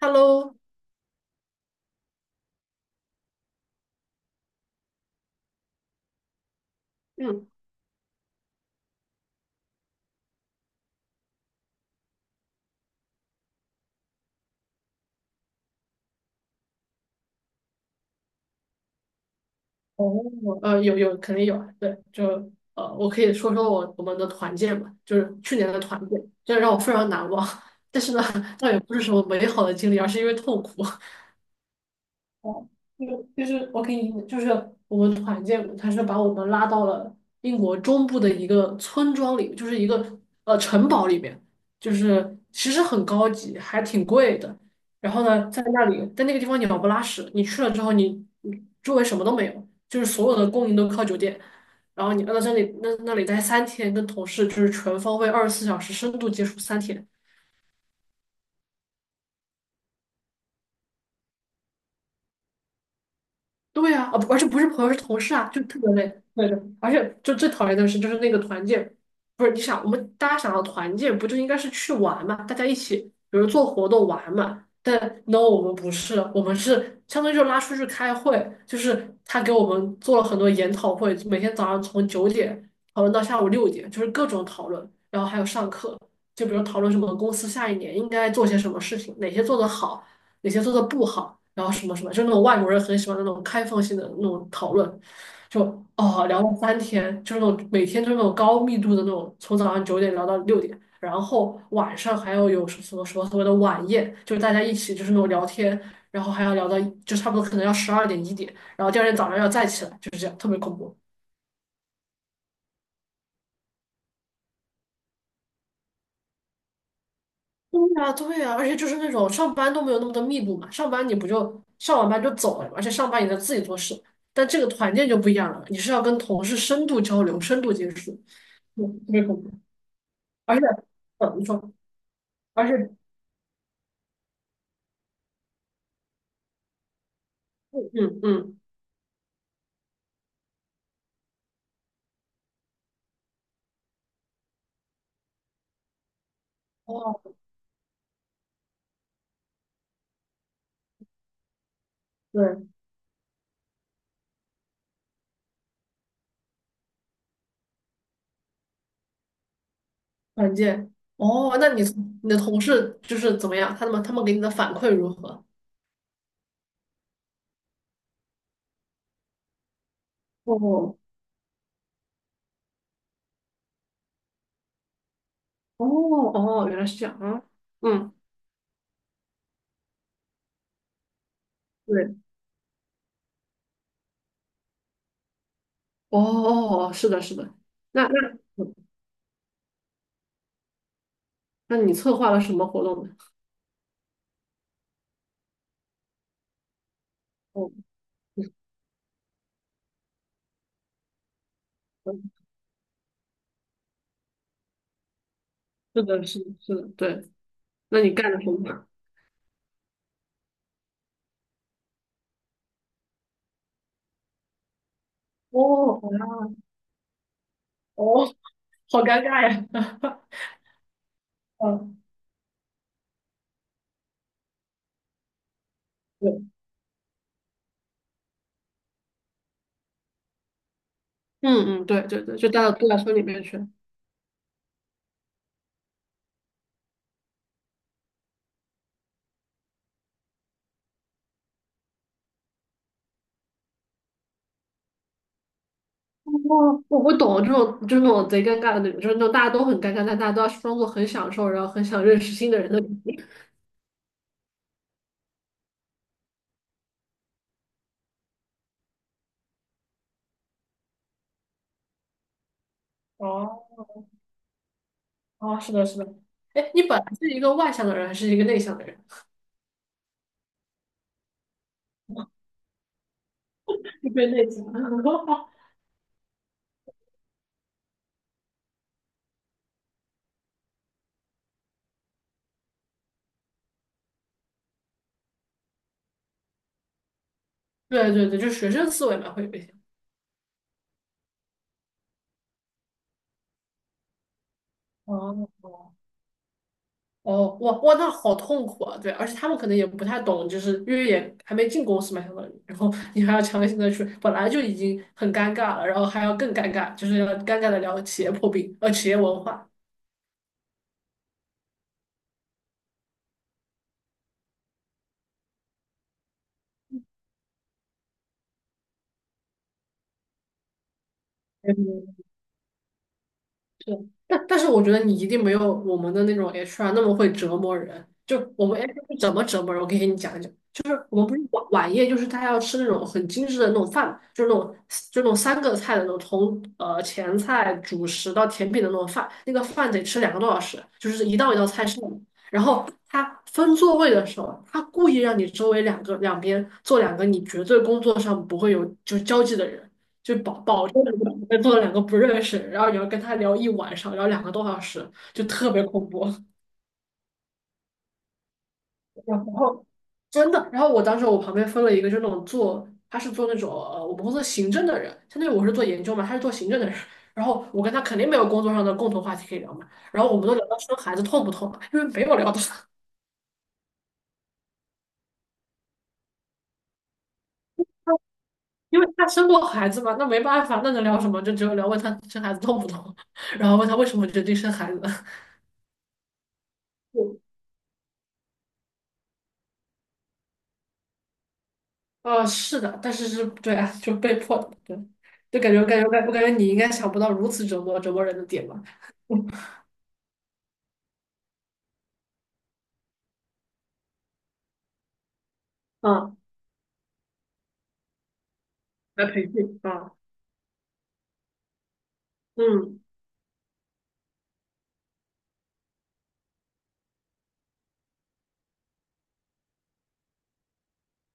Hello，嗯，哦，有肯定有啊，对，就我可以说说我们的团建嘛，就是去年的团建，这让我非常难忘，但是呢，倒也不是什么美好的经历，而是因为痛苦。哦，就是我给你，就是我们团建，他是把我们拉到了英国中部的一个村庄里，就是一个城堡里面，就是其实很高级，还挺贵的。然后呢，在那里，在那个地方鸟不拉屎，你去了之后你，你周围什么都没有，就是所有的供应都靠酒店。然后你要在这里那里待三天，跟同事就是全方位24小时深度接触三天。对呀，啊，不而且不是朋友，是同事啊，就特别累。对的，而且就最讨厌的是，就是那个团建，不是你想，我们大家想要团建，不就应该是去玩嘛？大家一起，比如做活动玩嘛。但 no，我们不是，我们是相当于就拉出去开会，就是他给我们做了很多研讨会，每天早上从九点讨论到下午六点，就是各种讨论，然后还有上课，就比如讨论什么公司下一年应该做些什么事情，哪些做得好。哪些做的不好，然后什么什么，就那种外国人很喜欢那种开放性的那种讨论，就哦聊了三天，就是那种每天就是那种高密度的那种，从早上九点聊到六点，然后晚上还要有什么什么所谓的晚宴，就是大家一起就是那种聊天，然后还要聊到就差不多可能要12点1点，然后第二天早上要再起来，就是这样，特别恐怖。对呀，对呀，而且就是那种上班都没有那么多密度嘛，上班你不就上完班就走了嘛，而且上班你在自己做事，但这个团建就不一样了，你是要跟同事深度交流、深度接触，特别恐怖。而且，你说，而且，嗯嗯嗯哦，对，团建，哦，那你你的同事就是怎么样？他们给你的反馈如何？哦哦哦，原来是这样啊。嗯，对，哦哦，哦是的，是的，那那那你策划了什么活动呢？哦。是的，是的，是的，对。那你干了什么？哦，好呀，哦，好尴尬呀。嗯，对。嗯嗯，对对对，就带到度假村里面去。哦，我懂了，这种就是那种贼尴尬的那种，就是那种大家都很尴尬，但大家都要装作很享受，然后很想认识新的人的感觉。哦，哦，是的，是的。哎，你本来是一个外向的人，还是一个内向的人？特别内向。对对对，就学生思维嘛，会有一些。哦，哦，哇哇，那好痛苦啊！对，而且他们可能也不太懂，就是因为也还没进公司嘛，相当于，然后你还要强行的去，本来就已经很尴尬了，然后还要更尴尬，就是要尴尬的聊企业破冰，企业文化。嗯，对，但是我觉得你一定没有我们的那种 HR 那么会折磨人。就我们 HR 是怎么折磨人，我可以给你讲一讲。就是我们不是晚宴，就是他要吃那种很精致的那种饭，就是那种3个菜的那种，从前菜、主食到甜品的那种饭，那个饭得吃两个多小时，就是一道一道菜上。然后他分座位的时候，他故意让你周围两边坐两个你绝对工作上不会有就交际的人，就保证你个做了两个不认识，然后你要跟他聊一晚上，聊两个多小时，就特别恐怖。然后真的，然后我当时我旁边分了一个就那种做，他是做那种我们公司行政的人，相当于我是做研究嘛，他是做行政的人。然后我跟他肯定没有工作上的共同话题可以聊嘛，然后我们都聊到生孩子痛不痛，因为没有聊到。因为他生过孩子嘛，那没办法，那能聊什么？就只有聊问他生孩子痛不痛，然后问他为什么决定生孩子。哦，是的，但是是，对啊，就被迫的，对，就感觉，感觉，感我感觉你应该想不到如此折磨人的点吧？嗯，来培训啊。嗯，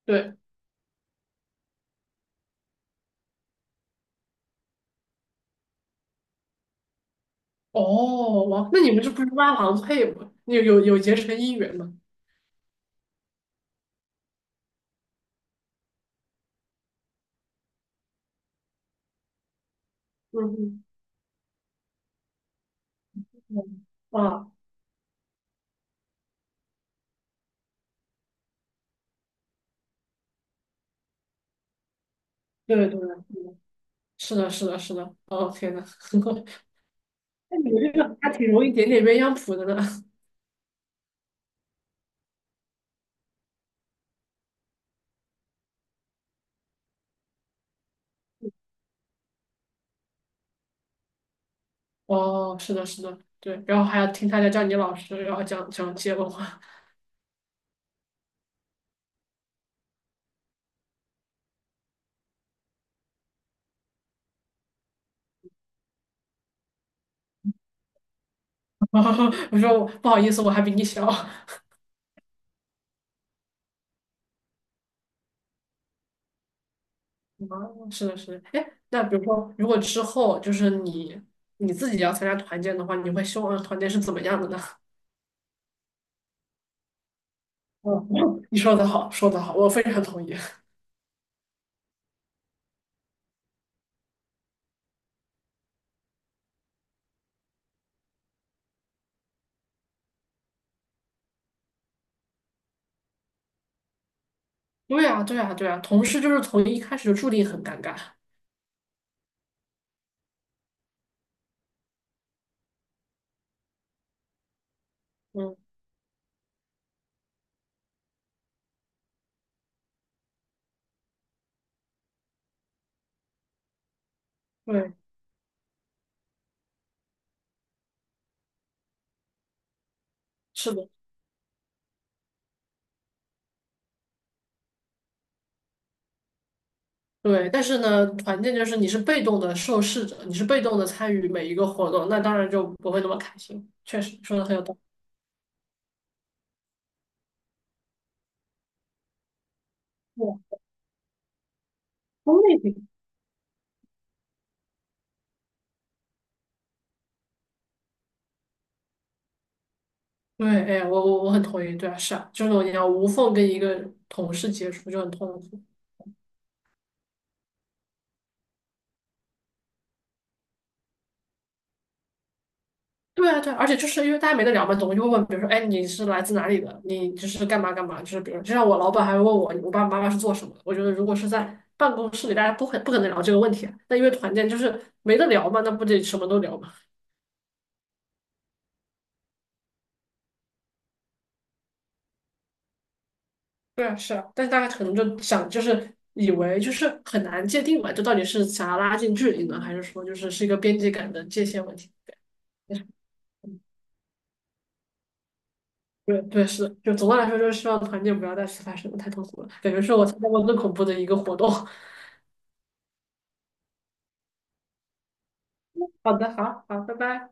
对，哦，哇，那你们这不是拉郎配吗？你有结成姻缘吗？嗯嗯，嗯啊，对对对，嗯，是的，是的，是的，哦，天呐。那你们这个还挺容易点点鸳鸯谱的呢。哦，是的，是的，对，然后还要听他家叫你老师，然后讲讲接龙。我说不好意思，我还比你小。哦，是的，是的。哎，那比如说，如果之后就是你自己要参加团建的话，你会希望团建是怎么样的呢？嗯，你说的好，说的好，我非常同意。对啊，对啊，对啊，同事就是从一开始就注定很尴尬。嗯，对，是的，对。但是呢，团建就是你是被动的受试者，你是被动的参与每一个活动，那当然就不会那么开心。确实，说的很有道理。对，功利，对，哎，我很同意，对啊，是啊，就这种你要无缝跟一个同事接触就很痛苦。对啊，对啊，而且就是因为大家没得聊嘛，总会就会问，比如说，哎，你是来自哪里的？你就是干嘛干嘛？就是比如，就像我老板还会问我，我爸爸妈妈是做什么的？我觉得如果是在办公室里，大家不可能聊这个问题啊。那因为团建就是没得聊嘛，那不得什么都聊嘛。对啊，是啊，但是大家可能就想，就是以为就是很难界定嘛，就到底是想要拉近距离呢，还是说就是一个边界感的界限问题？对对是，就总的来说就是希望团建不要再次发生了，太痛苦了，感觉是我参加过最恐怖的一个活动。好的，好好，拜拜。